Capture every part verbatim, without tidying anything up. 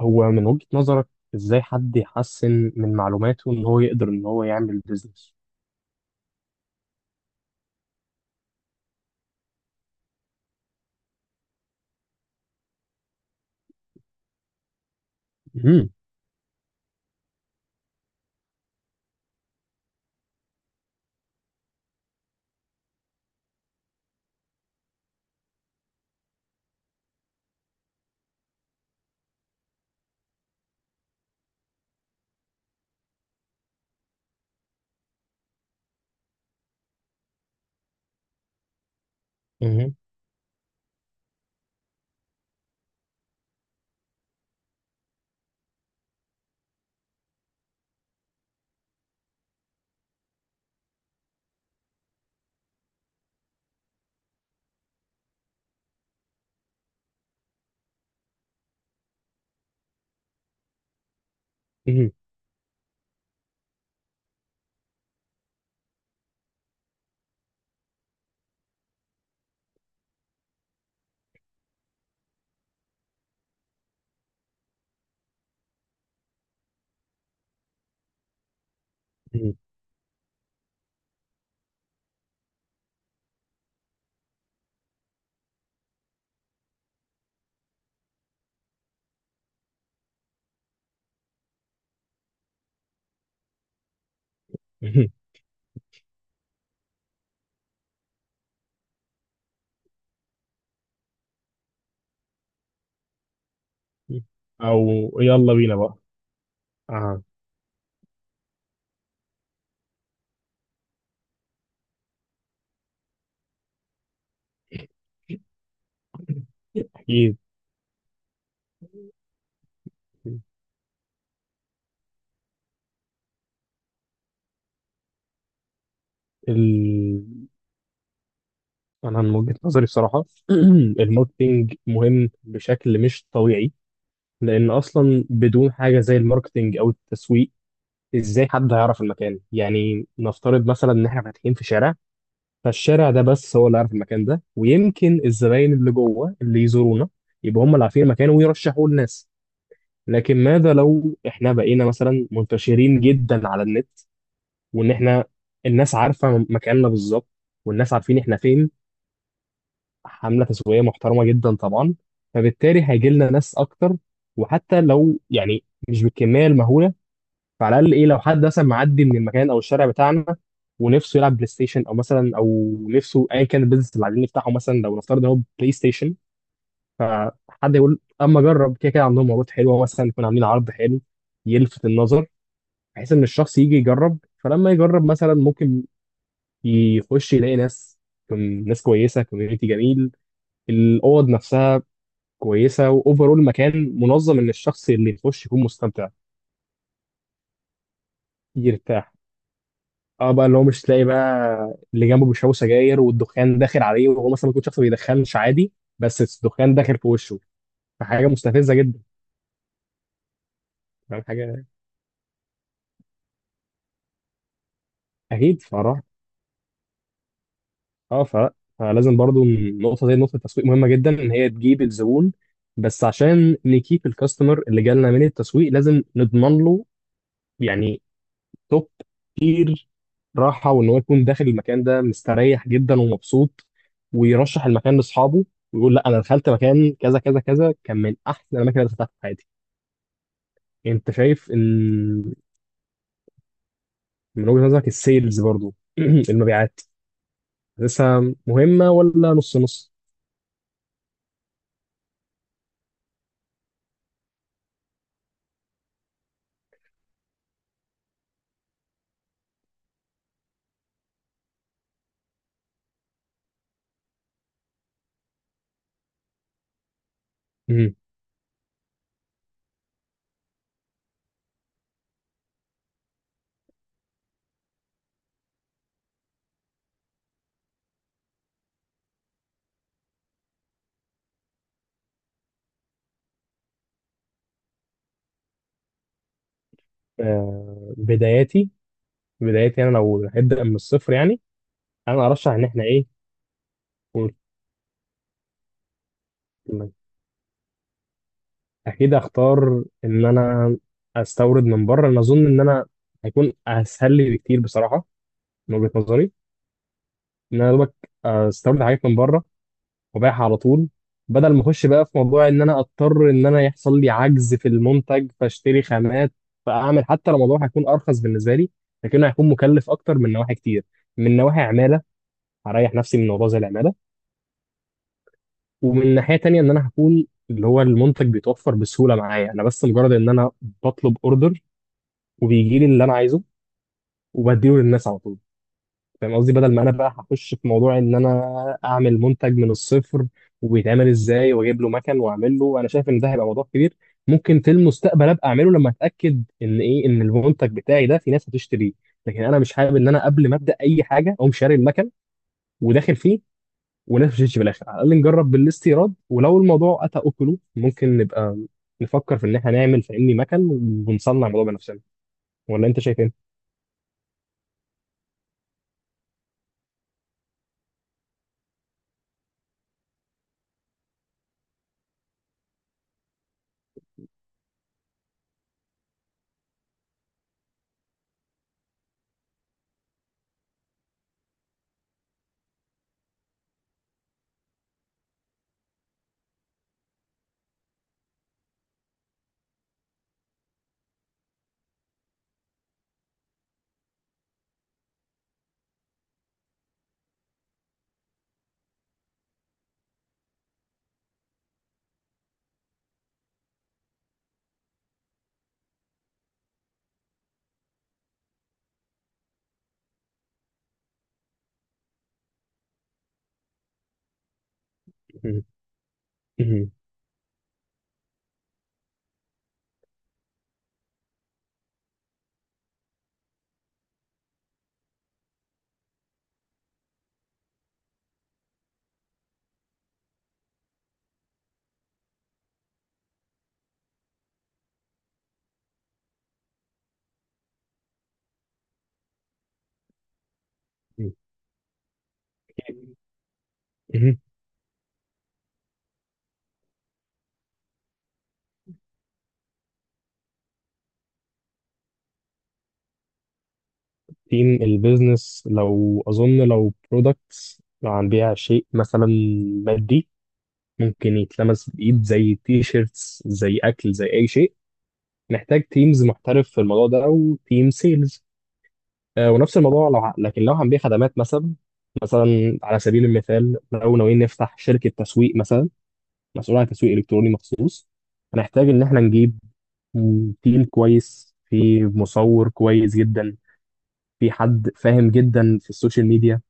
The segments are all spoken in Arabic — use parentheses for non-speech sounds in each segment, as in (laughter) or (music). هو من وجهة نظرك، ازاي حد يحسن من معلوماته ان هو يقدر ان هو يعمل بيزنس؟ مهم. مهم. مهم. مهم. مهم. او يلا بينا بقى. آه. اكيد. ال... انا من وجهة نظري بصراحة (clears throat) الماركتينج مهم بشكل مش طبيعي، لان اصلا بدون حاجة زي الماركتينج او التسويق ازاي حد هيعرف المكان؟ يعني نفترض مثلا ان احنا فاتحين في شارع، فالشارع ده بس هو اللي عارف المكان ده، ويمكن الزباين اللي جوه اللي يزورونا يبقى هم اللي عارفين المكان ويرشحوه للناس. لكن ماذا لو احنا بقينا مثلا منتشرين جدا على النت، وان احنا الناس عارفه مكاننا بالظبط والناس عارفين احنا فين؟ حمله تسويقيه محترمه جدا طبعا، فبالتالي هيجي لنا ناس اكتر. وحتى لو يعني مش بالكميه المهوله، فعلى الاقل ايه، لو حد مثلا معدي من المكان او الشارع بتاعنا ونفسه يلعب بلاي ستيشن او مثلا او نفسه ايا كان البيزنس اللي عايزين نفتحه، مثلا لو نفترض إن هو بلاي ستيشن، فحد يقول اما اجرب، كده كده عندهم عروض حلوه، مثلا يكون عاملين عرض حلو يلفت النظر، بحيث ان الشخص يجي يجرب. فلما يجرب مثلا ممكن يخش يلاقي ناس، تكون ناس كويسه، كوميونتي جميل، الاوض نفسها كويسه، واوفرول المكان منظم، ان الشخص اللي يخش يكون مستمتع. يرتاح. اه بقى، اللي هو مش تلاقي بقى اللي جنبه بيشربوا سجاير والدخان داخل عليه، وهو مثلا ممكن شخص ما بيدخنش عادي، بس الدخان داخل في وشه، فحاجه مستفزه جدا. فاهم حاجه؟ اكيد فراح. اه ف... فلازم برضو النقطه دي، نقطه التسويق، مهمه جدا ان هي تجيب الزبون. بس عشان نكيب الكاستمر اللي جالنا من التسويق لازم نضمن له يعني توب كتير راحة، وإن هو يكون داخل المكان ده مستريح جدا ومبسوط، ويرشح المكان لأصحابه، ويقول لا أنا دخلت مكان كذا كذا كذا، كان من أحسن الأماكن اللي دخلتها في حياتي. أنت شايف إن من وجهة نظرك السيلز برضو (clears throat) المبيعات لسه مهمة ولا نص نص؟ مم. آه، بداياتي، بداياتي أنا لو هبدأ من الصفر يعني. أنا أرشح إن إحنا. إيه، اكيد اختار ان انا استورد من بره. انا اظن ان انا هيكون اسهل لي بكتير بصراحه، من وجهه نظري، ان انا يا دوبك استورد حاجات من بره وابيعها على طول، بدل ما اخش بقى في موضوع ان انا اضطر ان انا يحصل لي عجز في المنتج فاشتري خامات فاعمل. حتى لو الموضوع هيكون ارخص بالنسبه لي، لكنه هيكون مكلف اكتر من نواحي كتير، من نواحي عماله. هريح نفسي من موضوع زي العماله. ومن ناحيه تانيه ان انا هكون اللي هو المنتج بيتوفر بسهوله معايا، انا بس مجرد ان انا بطلب اوردر وبيجي لي اللي انا عايزه وبديله للناس على طول. فاهم قصدي؟ بدل ما انا بقى هخش في موضوع ان انا اعمل منتج من الصفر وبيتعمل ازاي واجيب له مكن واعمل له، انا شايف ان ده هيبقى موضوع كبير. ممكن في المستقبل ابقى اعمله لما اتاكد ان ايه، ان المنتج بتاعي ده في ناس هتشتريه. لكن انا مش حابب ان انا قبل ما ابدا اي حاجه اقوم شاري المكن وداخل فيه، وناس ما تشتريش في الاخر. على الاقل نجرب بالاستيراد، ولو الموضوع اتى اكله ممكن نبقى نفكر في ان احنا نعمل فاهمني مكن ونصنع الموضوع بنفسنا. ولا انت شايف ايه؟ (laughs) مهم. تيم البيزنس لو أظن لو برودكتس، لو هنبيع شيء مثلا مادي ممكن يتلمس بإيد زي تي شيرتس زي أكل زي أي شيء، نحتاج تيمز محترف في الموضوع ده أو تيم سيلز. آه ونفس الموضوع لو ه- لكن لو هنبيع خدمات مثلا، مثلا على سبيل المثال لو ناويين نفتح شركة تسويق مثلا مسؤول عن تسويق إلكتروني مخصوص، هنحتاج إن إحنا نجيب تيم كويس، في مصور كويس جدا، في حد فاهم جدا في السوشيال ميديا،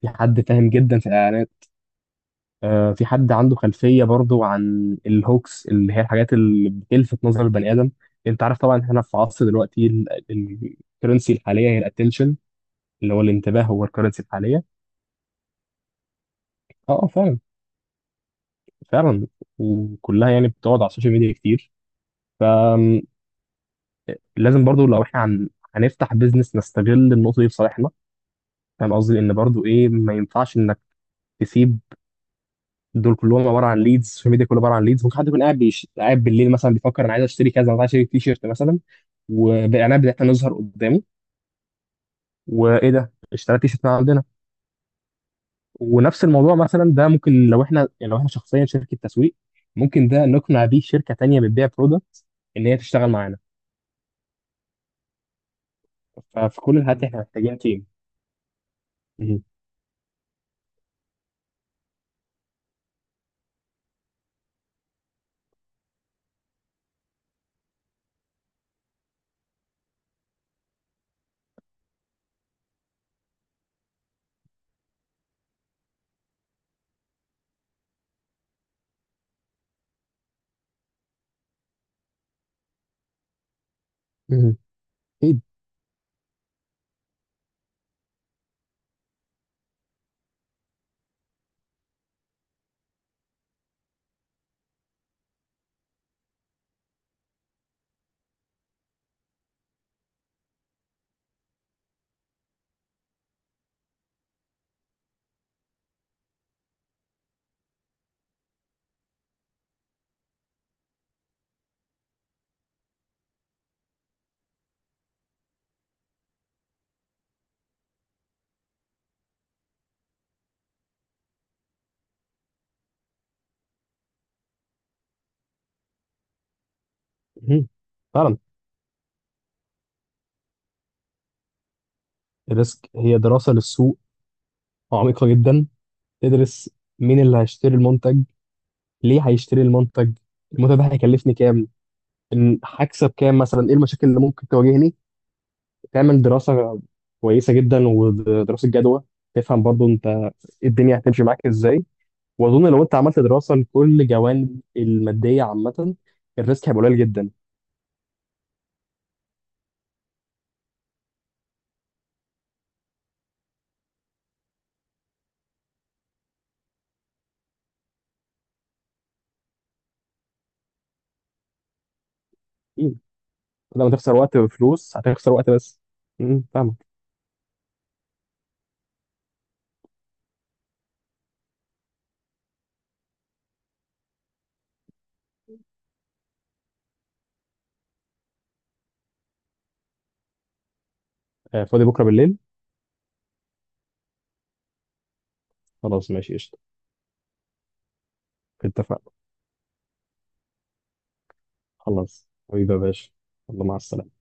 في حد فاهم جدا في الاعلانات، آه، في حد عنده خلفيه برضو عن الهوكس اللي هي الحاجات اللي بتلفت نظر البني ادم. انت عارف طبعا احنا في عصر دلوقتي الكرنسي الحاليه هي الاتنشن، اللي هو الانتباه هو الكرنسي الحاليه. اه اه، فعلا، فعلا. وكلها يعني بتقعد على السوشيال ميديا كتير. فلازم برضو لو احنا عن- هنفتح بيزنس نستغل النقطه دي في صالحنا. فاهم قصدي ان برضو ايه، ما ينفعش انك تسيب. دول كلهم عباره عن ليدز، السوشيال ميديا كله عباره عن ليدز. ممكن حد يكون قاعد بيش... قاعد بالليل مثلا بيفكر انا عايز اشتري كذا، انا عايز اشتري تي شيرت مثلا، والاعلانات بتاعتنا نظهر قدامه، وايه ده اشتريت تي شيرت من عندنا. ونفس الموضوع مثلا ده ممكن لو احنا يعني لو احنا شخصيا شركه تسويق، ممكن ده نقنع بيه شركه تانيه بتبيع برودكت ان هي تشتغل معانا. ففي كل الحالات احنا محتاجين تيم. مهم. مهم. اكيد. مهم. فعلا. الريسك هي دراسه للسوق عميقه جدا. تدرس مين اللي هيشتري المنتج، ليه هيشتري المنتج، المنتج ده هيكلفني كام، إن هكسب كام مثلا، ايه المشاكل اللي ممكن تواجهني. تعمل دراسة كويسة جدا ودراسة جدوى، تفهم برضو انت إيه الدنيا هتمشي معاك ازاي. واظن لو انت عملت دراسة لكل جوانب المادية عامة الريسك هيبقى قليل جدا. مم. بدل ما تخسر وقت وفلوس هتخسر وقت بس. مم، فاهمك. آه، فاضي بكرة بالليل. خلاص ماشي قشطة. اتفقنا. خلاص حبيبي يا باشا، الله مع السلامة.